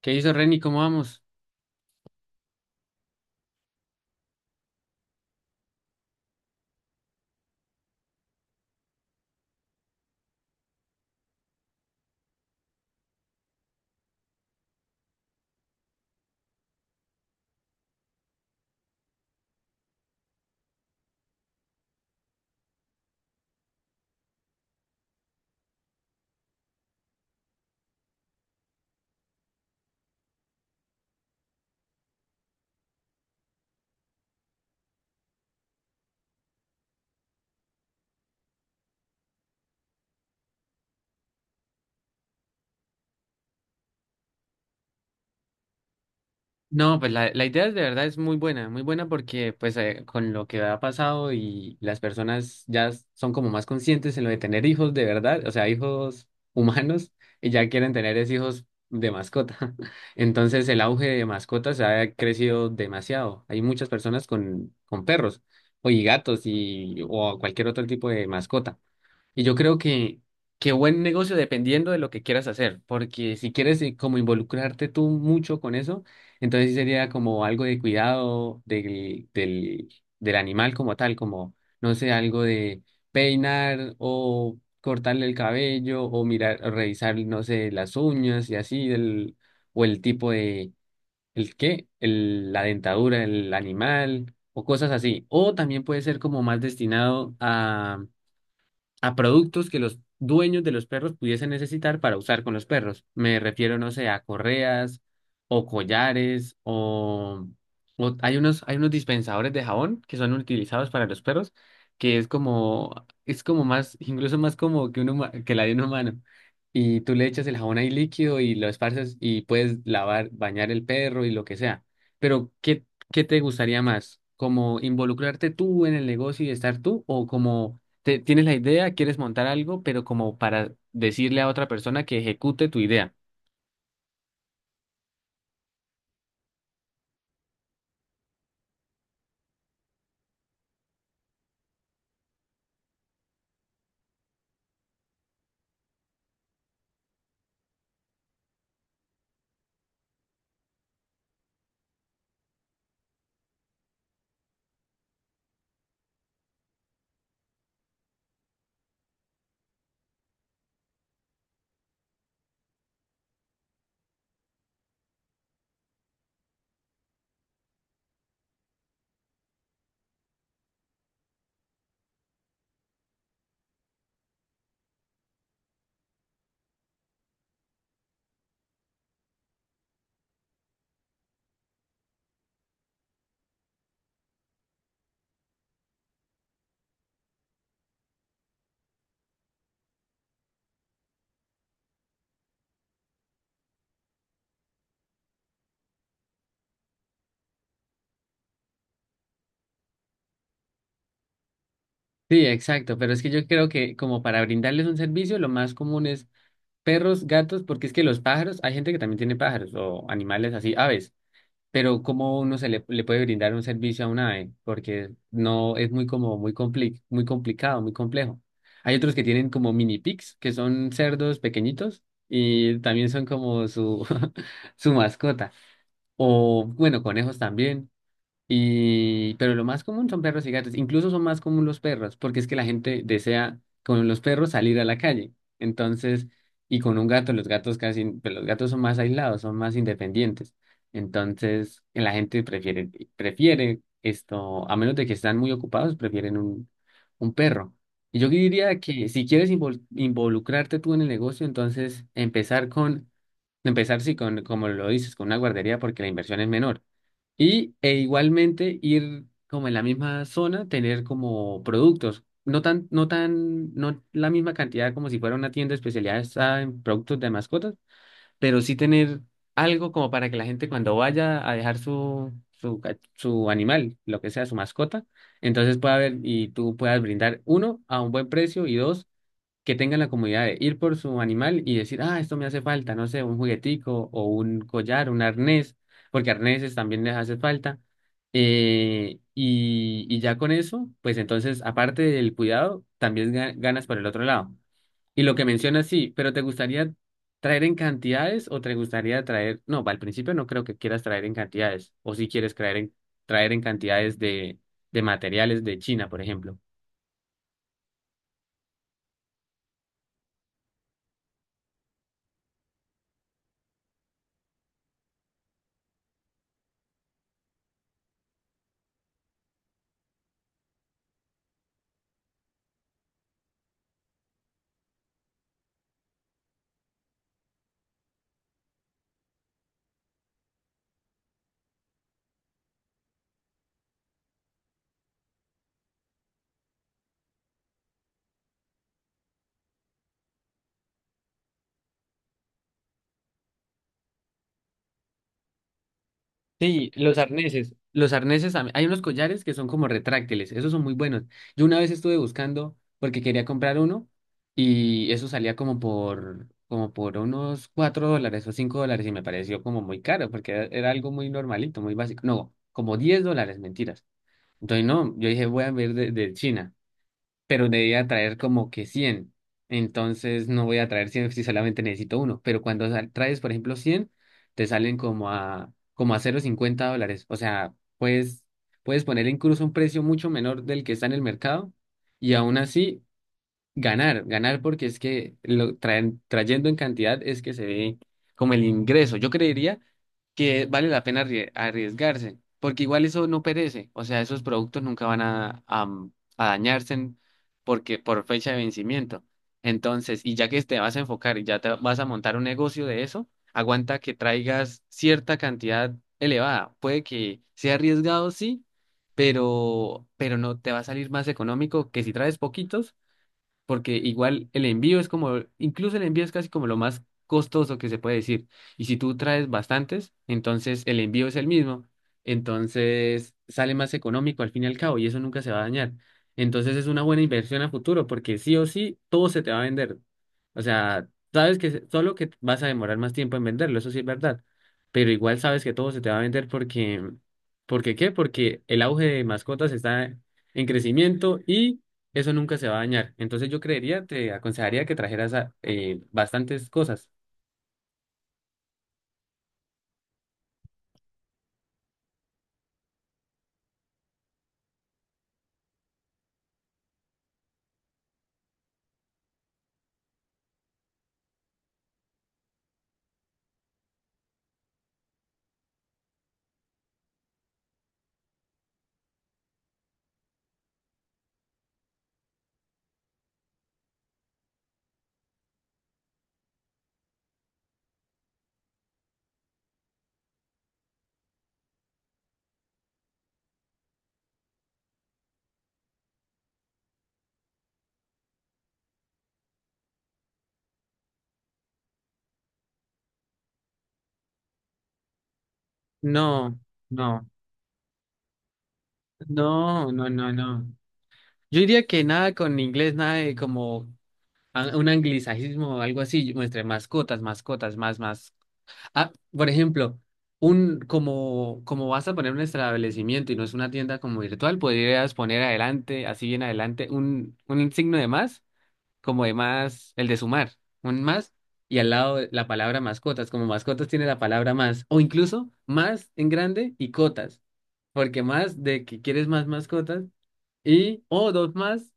¿Qué hizo Reni? ¿Cómo vamos? No, pues la idea de verdad es muy buena, muy buena, porque pues con lo que ha pasado y las personas ya son como más conscientes en lo de tener hijos de verdad, o sea, hijos humanos, y ya quieren tener es hijos de mascota. Entonces el auge de mascotas ha crecido demasiado. Hay muchas personas con, perros o y gatos y, o cualquier otro tipo de mascota. Y yo creo que, buen negocio, dependiendo de lo que quieras hacer, porque si quieres como involucrarte tú mucho con eso, entonces sí sería como algo de cuidado del animal como tal, como, no sé, algo de peinar o cortarle el cabello o mirar, o revisar, no sé, las uñas y así, el, o el tipo de, ¿el qué? El, la dentadura del animal o cosas así. O también puede ser como más destinado a productos que los dueños de los perros pudiesen necesitar para usar con los perros. Me refiero, no sé, a correas o collares o, hay unos, dispensadores de jabón que son utilizados para los perros, que es como más, incluso más como que, que la de un humano. Y tú le echas el jabón ahí líquido y lo esparces y puedes lavar, bañar el perro y lo que sea. Pero ¿qué, te gustaría más? ¿Como involucrarte tú en el negocio y estar tú, o como tienes la idea, quieres montar algo, pero como para decirle a otra persona que ejecute tu idea? Sí, exacto, pero es que yo creo que, como para brindarles un servicio, lo más común es perros, gatos, porque es que los pájaros, hay gente que también tiene pájaros o animales así, aves, pero ¿cómo uno se le, le puede brindar un servicio a una ave? Porque no es muy como muy muy complicado, muy complejo. Hay otros que tienen como mini pigs, que son cerdos pequeñitos, y también son como su su mascota. O, bueno, conejos también. Y pero lo más común son perros y gatos. Incluso son más común los perros, porque es que la gente desea con los perros salir a la calle. Entonces, y con un gato, los gatos casi, pero los gatos son más aislados, son más independientes. Entonces la gente prefiere, prefiere esto, a menos de que están muy ocupados, prefieren un, perro. Y yo diría que, si quieres involucrarte tú en el negocio, entonces empezar, sí, con, como lo dices, con una guardería, porque la inversión es menor. Y e igualmente ir como en la misma zona, tener como productos, no la misma cantidad como si fuera una tienda especializada en productos de mascotas, pero sí tener algo como para que la gente, cuando vaya a dejar su, su animal, lo que sea, su mascota, entonces pueda ver y tú puedas brindar, uno, a un buen precio, y dos, que tengan la comodidad de ir por su animal y decir, ah, esto me hace falta, no sé, un juguetico o un collar, un arnés, porque arneses también les hace falta. Y, y ya con eso, pues entonces, aparte del cuidado, también ganas por el otro lado. Y lo que mencionas, sí, pero ¿te gustaría traer en cantidades o te gustaría traer? No, al principio no creo que quieras traer en cantidades, o si quieres traer en, cantidades de, materiales de China, por ejemplo. Sí, los arneses. Los arneses, hay unos collares que son como retráctiles, esos son muy buenos. Yo una vez estuve buscando porque quería comprar uno, y eso salía como por, como por unos $4 o $5, y me pareció como muy caro porque era, era algo muy normalito, muy básico. No, como $10, mentiras. Entonces no, yo dije, voy a ver de, China, pero debía traer como que 100. Entonces no voy a traer 100 si solamente necesito uno. Pero cuando traes, por ejemplo, 100, te salen como a, como a $0,50. O sea, puedes, poner incluso un precio mucho menor del que está en el mercado, y aún así ganar, ganar, porque es que lo traen, trayendo en cantidad es que se ve como el ingreso. Yo creería que vale la pena arriesgarse, porque igual eso no perece, o sea, esos productos nunca van a dañarse porque por fecha de vencimiento. Entonces, y ya que te vas a enfocar y ya te vas a montar un negocio de eso, aguanta que traigas cierta cantidad elevada. Puede que sea arriesgado, sí, pero no te va a salir más económico que si traes poquitos, porque igual el envío es como, incluso el envío es casi como lo más costoso que se puede decir. Y si tú traes bastantes, entonces el envío es el mismo, entonces sale más económico al fin y al cabo, y eso nunca se va a dañar. Entonces es una buena inversión a futuro, porque sí o sí todo se te va a vender. O sea, sabes que solo que vas a demorar más tiempo en venderlo, eso sí es verdad, pero igual sabes que todo se te va a vender, porque ¿porque qué? Porque el auge de mascotas está en crecimiento, eso nunca se va a dañar. Entonces yo creería, te aconsejaría que trajeras bastantes cosas. No, no, no, no, no, no. Yo diría que nada con inglés, nada de como un anglicismo o algo así, entre mascotas, mascotas, más, más. Ah, por ejemplo, un como, como vas a poner un establecimiento y no es una tienda como virtual, podrías poner adelante, así bien adelante, un, signo de más, como de más, el de sumar, un más, y al lado la palabra mascotas, como mascotas tiene la palabra más, o incluso más en grande y cotas, porque más de que quieres más mascotas, y o dos más,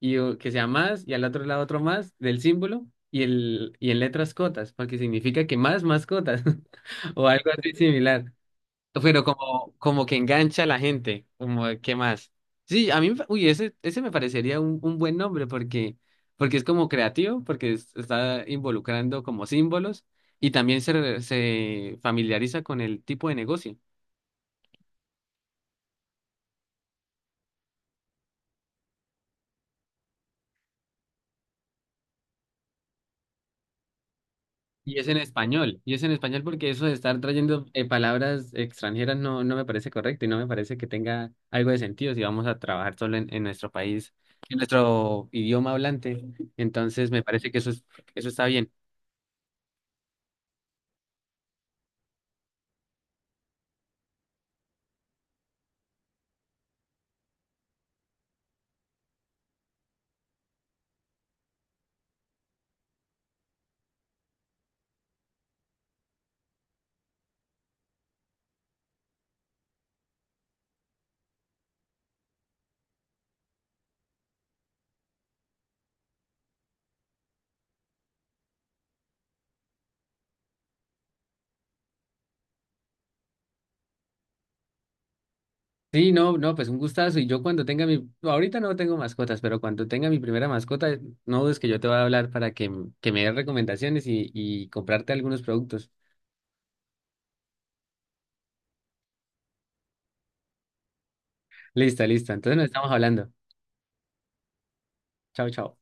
y o que sea más, y al otro lado otro más del símbolo, y, el, y en letras cotas, porque significa que más mascotas, o algo así similar. Pero como, como que engancha a la gente, como de, qué más. Sí, a mí, me uy, ese me parecería un, buen nombre, porque, porque es como creativo, porque está involucrando como símbolos, y también se, se familiariza con el tipo de negocio. Y es en español, y es en español, porque eso de estar trayendo palabras extranjeras no, no me parece correcto y no me parece que tenga algo de sentido si vamos a trabajar solo en, nuestro país, en nuestro idioma hablante. Entonces me parece que eso es, eso está bien. Sí, no, no, pues un gustazo. Y yo cuando tenga mi, ahorita no tengo mascotas, pero cuando tenga mi primera mascota, no dudes que yo te voy a hablar para que, que me des recomendaciones y comprarte algunos productos. Listo, listo. Entonces nos estamos hablando. Chao, chao.